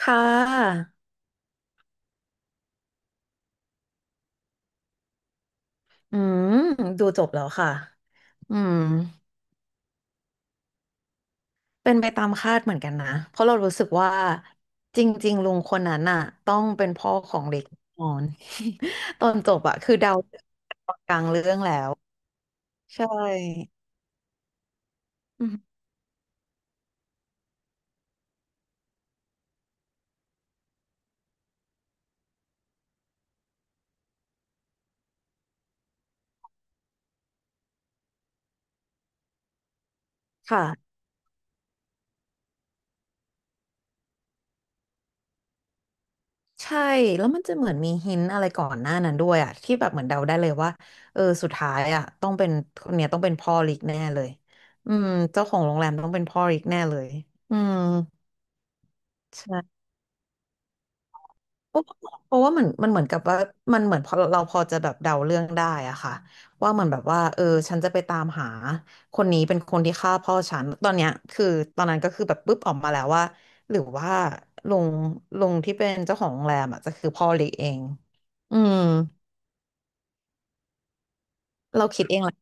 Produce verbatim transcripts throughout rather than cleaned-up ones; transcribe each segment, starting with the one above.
ค่ะอืมดูจบแล้วค่ะอืมเป็นไปตามคาดเหมือนกันนะเพราะเรารู้สึกว่าจริงๆลุงคนนั้นน่ะต้องเป็นพ่อของเล็กแนนอน ตอนจบอะคือเดาตอนกลางเรื่องแล้ว ใช่อืมค่ะ ใช่แล้วมันจะเหมือนมีหินอะไรก่อนหน้านั้นด้วยอะที่แบบเหมือนเดาได้เลยว่าเออสุดท้ายอะต้องเป็นคนเนี่ยต้องเป็นพ่อเล็กแน่เลยอืมเจ้าของโรงแรมต้องเป็นพ่อเล็กแน่เลยอืม เพราะเพราะว่ามันมันเหมือนกับว่ามันเหมือนพอเราพอจะแบบเดาเรื่องได้อะค่ะว่ามันแบบว่าเออฉันจะไปตามหาคนนี้เป็นคนที่ฆ่าพ่อฉันตอนเนี้ยคือตอนนั้นก็คือแบบปุ๊บออกมาแล้วว่าหรือว่าลุงลุงที่เป็นเจ้าของโรงแรมอ่ะจะคือพ่อเล็กเองอืมเราคิดเองแหละ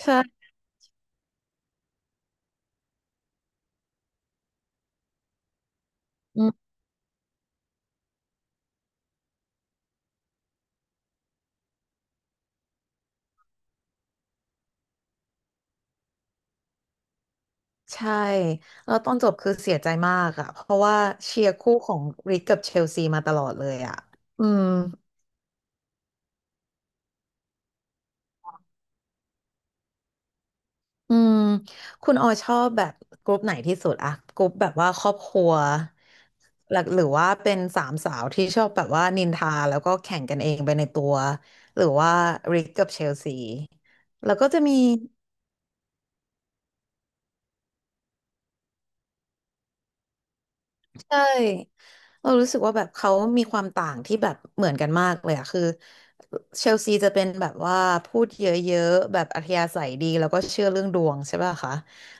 ใช่อืมใช่แล้วตอนจบคือเสียใจมากอะเพราะว่าเชียร์คู่ของริกกับเชลซีมาตลอดเลยอะอืม อืมคุณออยชอบแบบกรุ๊ปไหนที่สุดอะกรุ๊ปแบบว่าครอบครัวหลักหรือว่าเป็นสามสาวที่ชอบแบบว่านินทาแล้วก็แข่งกันเองไปในตัว หรือว่าริกกับเชลซี แล้วก็จะมี ใช่เรารู้สึกว่าแบบเขามีความต่างที่แบบเหมือนกันมากเลยอะคือเชลซีจะเป็นแบบว่าพูดเยอะๆแบบอัธยาศัยดีแล้วก็เชื่อเรื่องดวงใช่ป่ะคะ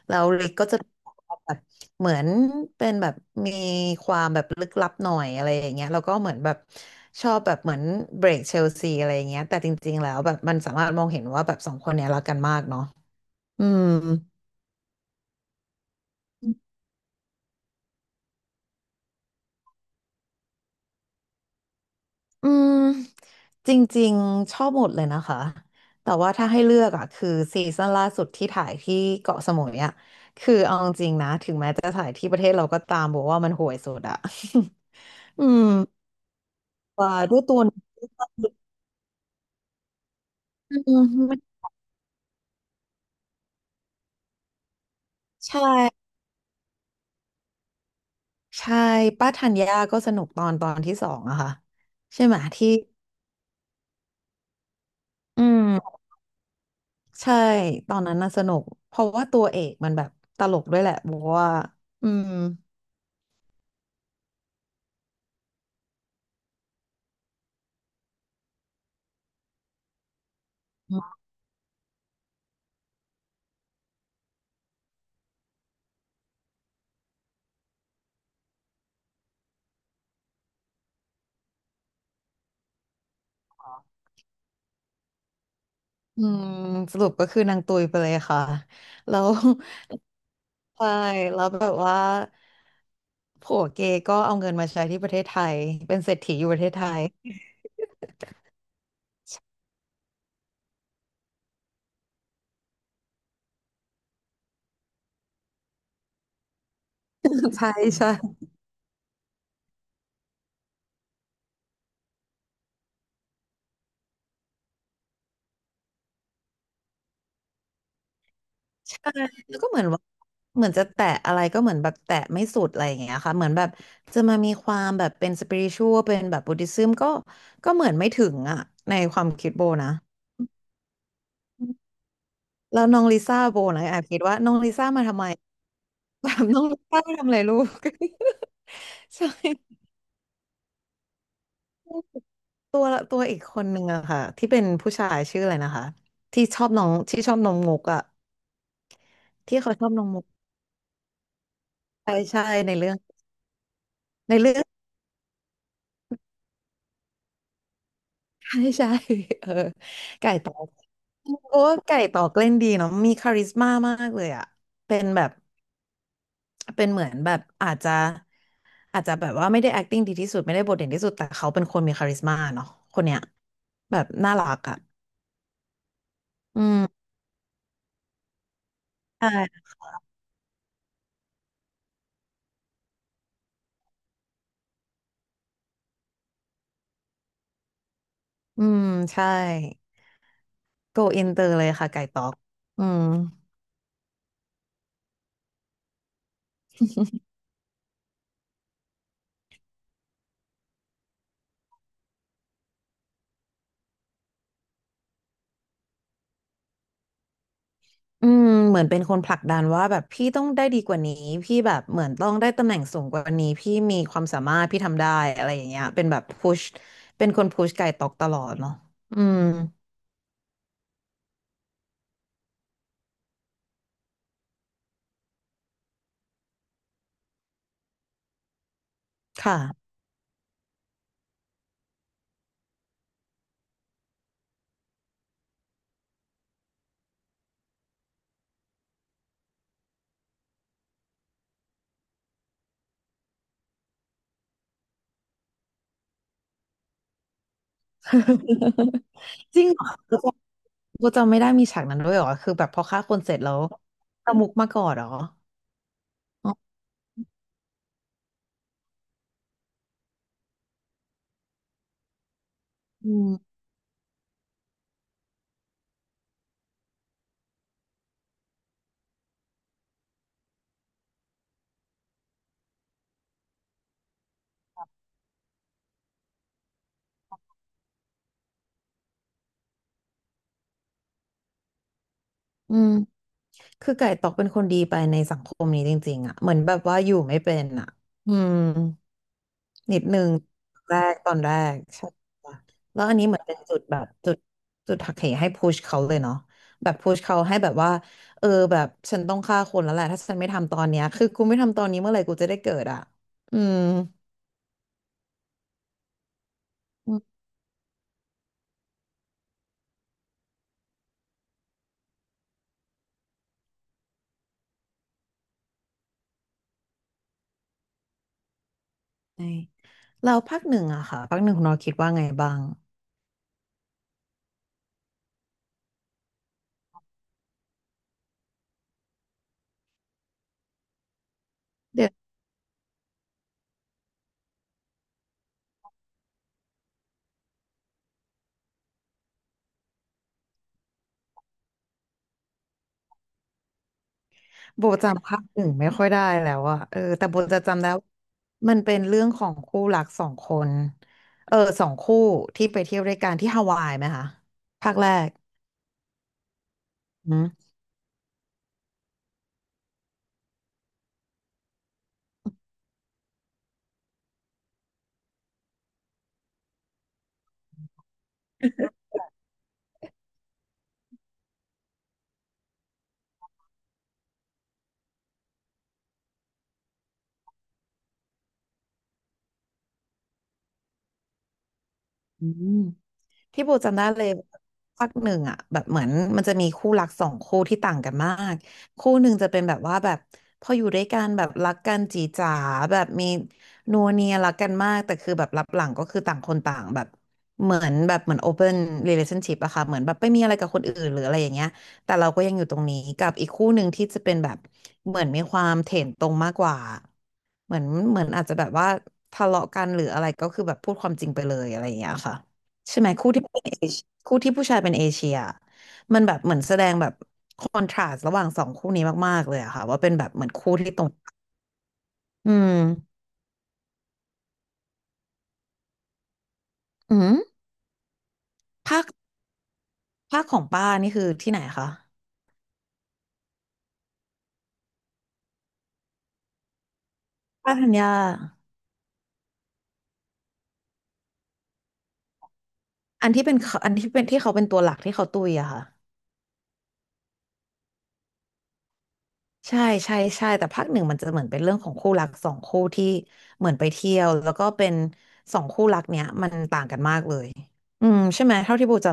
แล้วลิกก็จะแบบเหมือนเป็นแบบมีความแบบลึกลับหน่อยอะไรอย่างเงี้ยแล้วก็เหมือนแบบชอบแบบเหมือนเบรกเชลซีอะไรอย่างเงี้ยแต่จริงๆแล้วแบบมันสามารถมองเห็นว่าแบบสองคนเนี้ยรักกันมากเนาะอืม อืมจริงๆชอบหมดเลยนะคะแต่ว่าถ้าให้เลือกอ่ะคือซีซั่นล่าสุดที่ถ่ายที่เกาะสมุยอ่ะคือเอาจริงๆนะถึงแม้จะถ่ายที่ประเทศเราก็ตามบอกว่ามันห่วยสุดอ่ะ อืมว่าด้วยตัวอืมไม่ใช่ใช่ป้าธัญญาก็สนุกตอนตอนที่สองอะค่ะใช่ไหมที่อืมใช่ตอนนั้นน่ะสนุกเพราะว่าตัวเอกมันแบบตลกด้วยแหละบอกว่าอืม อืมสรุปก็คือนางตุยไปเลยค่ะแล้ว ใช่แล้วแบบว่าผัวเกย์ก็เอาเงินมาใช้ที่ประเทศไทยเป็นเศรษฐีอยู่ประเทศไทย ใช่ใช่ใช่แล้วก็เหมือนว่าเหมือนจะแตะอะไรก็เหมือนแบบแตะไม่สุดอะไรอย่างเงี้ยค่ะเหมือนแบบจะมามีความแบบเป็นสปิริชวลเป็นแบบบุ d ธิซึมก็ก็เหมือนไม่ถึงอ่ะในความคิดโบนะแล้วน้องลิซ่าโบนะแอบคิดว่าน้องลิซ่ามาทำไม แบบน้องลิซ่ามาทำอะไรลูก ใช่ตัวละตัวอีกคนหนึ่งอะค่ะที่เป็นผู้ชายชื่ออะไรนะคะที่ชอบน้องที่ชอบน้องมุกอะที่เขาชอบน้องมุกใช่ใช่ในเรื่องในเรื่อง ใช่ใช่เออไก่ตอกเพราะว่าไก่ตอกเล่นดีเนาะมีคาริสม่ามากเลยอะเป็นแบบเป็นเหมือนแบบอาจจะอาจจะแบบว่าไม่ได้ acting ดีที่สุดไม่ได้บทเด่นที่สุดแต่เขาเป็นคนมีคาริสม่าเนาะคนเนี้ยแบบน่ารักอะอืมใช่อืมใช่ โกอินเตอร์เลยค่ะไก่ต๊อกอืมอืมเหมือนเป็นคนผลักดันว่าแบบพี่ต้องได้ดีกว่านี้พี่แบบเหมือนต้องได้ตำแหน่งสูงกว่านี้พี่มีความสามารถพี่ทำได้อะไรอย่างเงี้ยเป็นแบบพุชเป็นคนพุชไก่ต๊อกตลอดเนาะอืมค่ะ จริงเหรอกูจำไม่ได้มีฉากนั้นด้วยเหรอคือแบบพอฆ่าคนเสร็จแล้วตะมุกมาก่อนเหรออ๋ออืมอืมคือไก่ตอกเป็นคนดีไปในสังคมนี้จริงๆอ่ะเหมือนแบบว่าอยู่ไม่เป็นอ่ะอืม นิดนึงแรกตอนแรกใช่ค่ะแล้วอันนี้เหมือนเป็นจุดแบบจุดจุดหักเหให้พุชเขาเลยเนาะแบบพุชเขาให้แบบว่าเออแบบฉันต้องฆ่าคนแล้วแหละถ้าฉันไม่ทำตอนเนี้ยคือกูไม่ทำตอนนี้เมื่อไหร่กูจะได้เกิดอ่ะอืมอืมใช่แล้วภาคหนึ่งอะค่ะภาคหนึ่งคุณนอคิดว่าไงบ้างเดี๋ยวโบจำภาคหนึ่งไม่ค่อยได้แล้วอะเออแต่โบจะจำได้ว่ามันเป็นเรื่องของคู่รักสองคนเออสองคู่ที่ไปเที่ยวด้วยกันที่ฮาวายไหมคะภาคแรก นะอืม ที่โบจำได้เลยภาคหนึ่งอ่ะแบบเหมือนมันจะมีคู่รักสองคู่ที่ต่างกันมากคู่หนึ่งจะเป็นแบบว่าแบบพออยู่ด้วยกันแบบรักกันจีจ๋าแบบมีนัวเนียรักกันมากแต่คือแบบรับหลังก็คือต่างคนต่างแบบเหมือนแบบเหมือน open relationship อะค่ะเหมือนแบบไม่มีอะไรกับคนอื่นหรืออะไรอย่างเงี้ยแต่เราก็ยังอยู่ตรงนี้กับอีกคู่หนึ่งที่จะเป็นแบบเหมือนมีความเถนตรงมากกว่าเหมือนเหมือนอาจจะแบบว่าทะเลาะกันหรืออะไรก็คือแบบพูดความจริงไปเลยอะไรอย่างเงี้ยค่ะ ใช่ไหมคู่ที่เป็นเอเชียคู่ที่ผู้ชายเป็นเอเชียมันแบบเหมือนแสดงแบบคอนทราสต์ระหว่างสองคู่นี้มากๆเลยอะค่ะว่าเป็นแบบเหมือนคู่ที่ตรงอืมอืมภาคภาคของป้านี่คือที่ไหนคะป้าธัญญาอันที่เป็นเขาอันที่เป็นที่เขาเป็นตัวหลักที่เขาตุยอะค่ะใช่ใช่ใช่แต่ภาคหนึ่งมันจะเหมือนเป็นเรื่องของคู่รักสองคู่ที่เหมือนไปเที่ยวแล้วก็เป็นสองคู่รักเนี้ยมันต่างกันมากเลยอืมใช่ไหมเท่าที่โบจ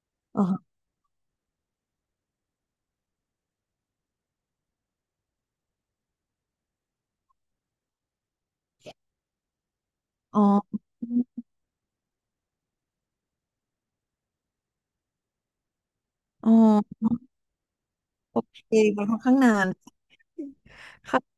ำอ๋ออ๋ออ๋อ โอเคมันค่อนข้างนานค่ะ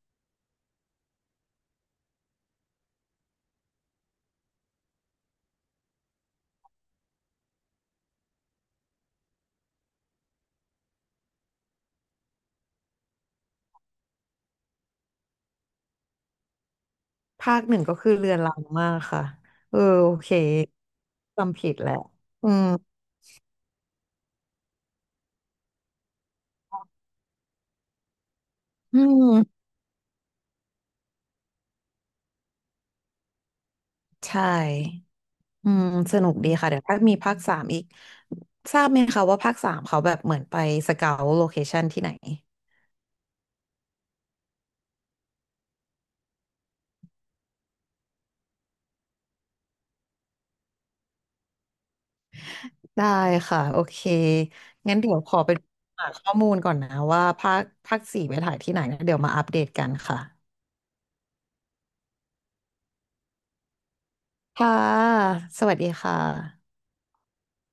ภาคหนึ่งก็คือเรือนรังมากค่ะเออโอเคจำผิดแหละอืมอืมใช่อืมสนุกดีค่ะเดี๋ยวถ้ามีภาคสามอีกทราบไหมคะว่าภาคสามเขาแบบเหมือนไปสเกาโลเคชันที่ไหน ได้ค่ะโอเค งั้นเดี๋ยวขอไปหาข้อมูลก่อนนะว่าภาคภาคสี่ไปถ่ายที่ไหนนะเดี๋ยวมาอัปเดตกันค่ะ ค่ะ สวัสดีค่ะ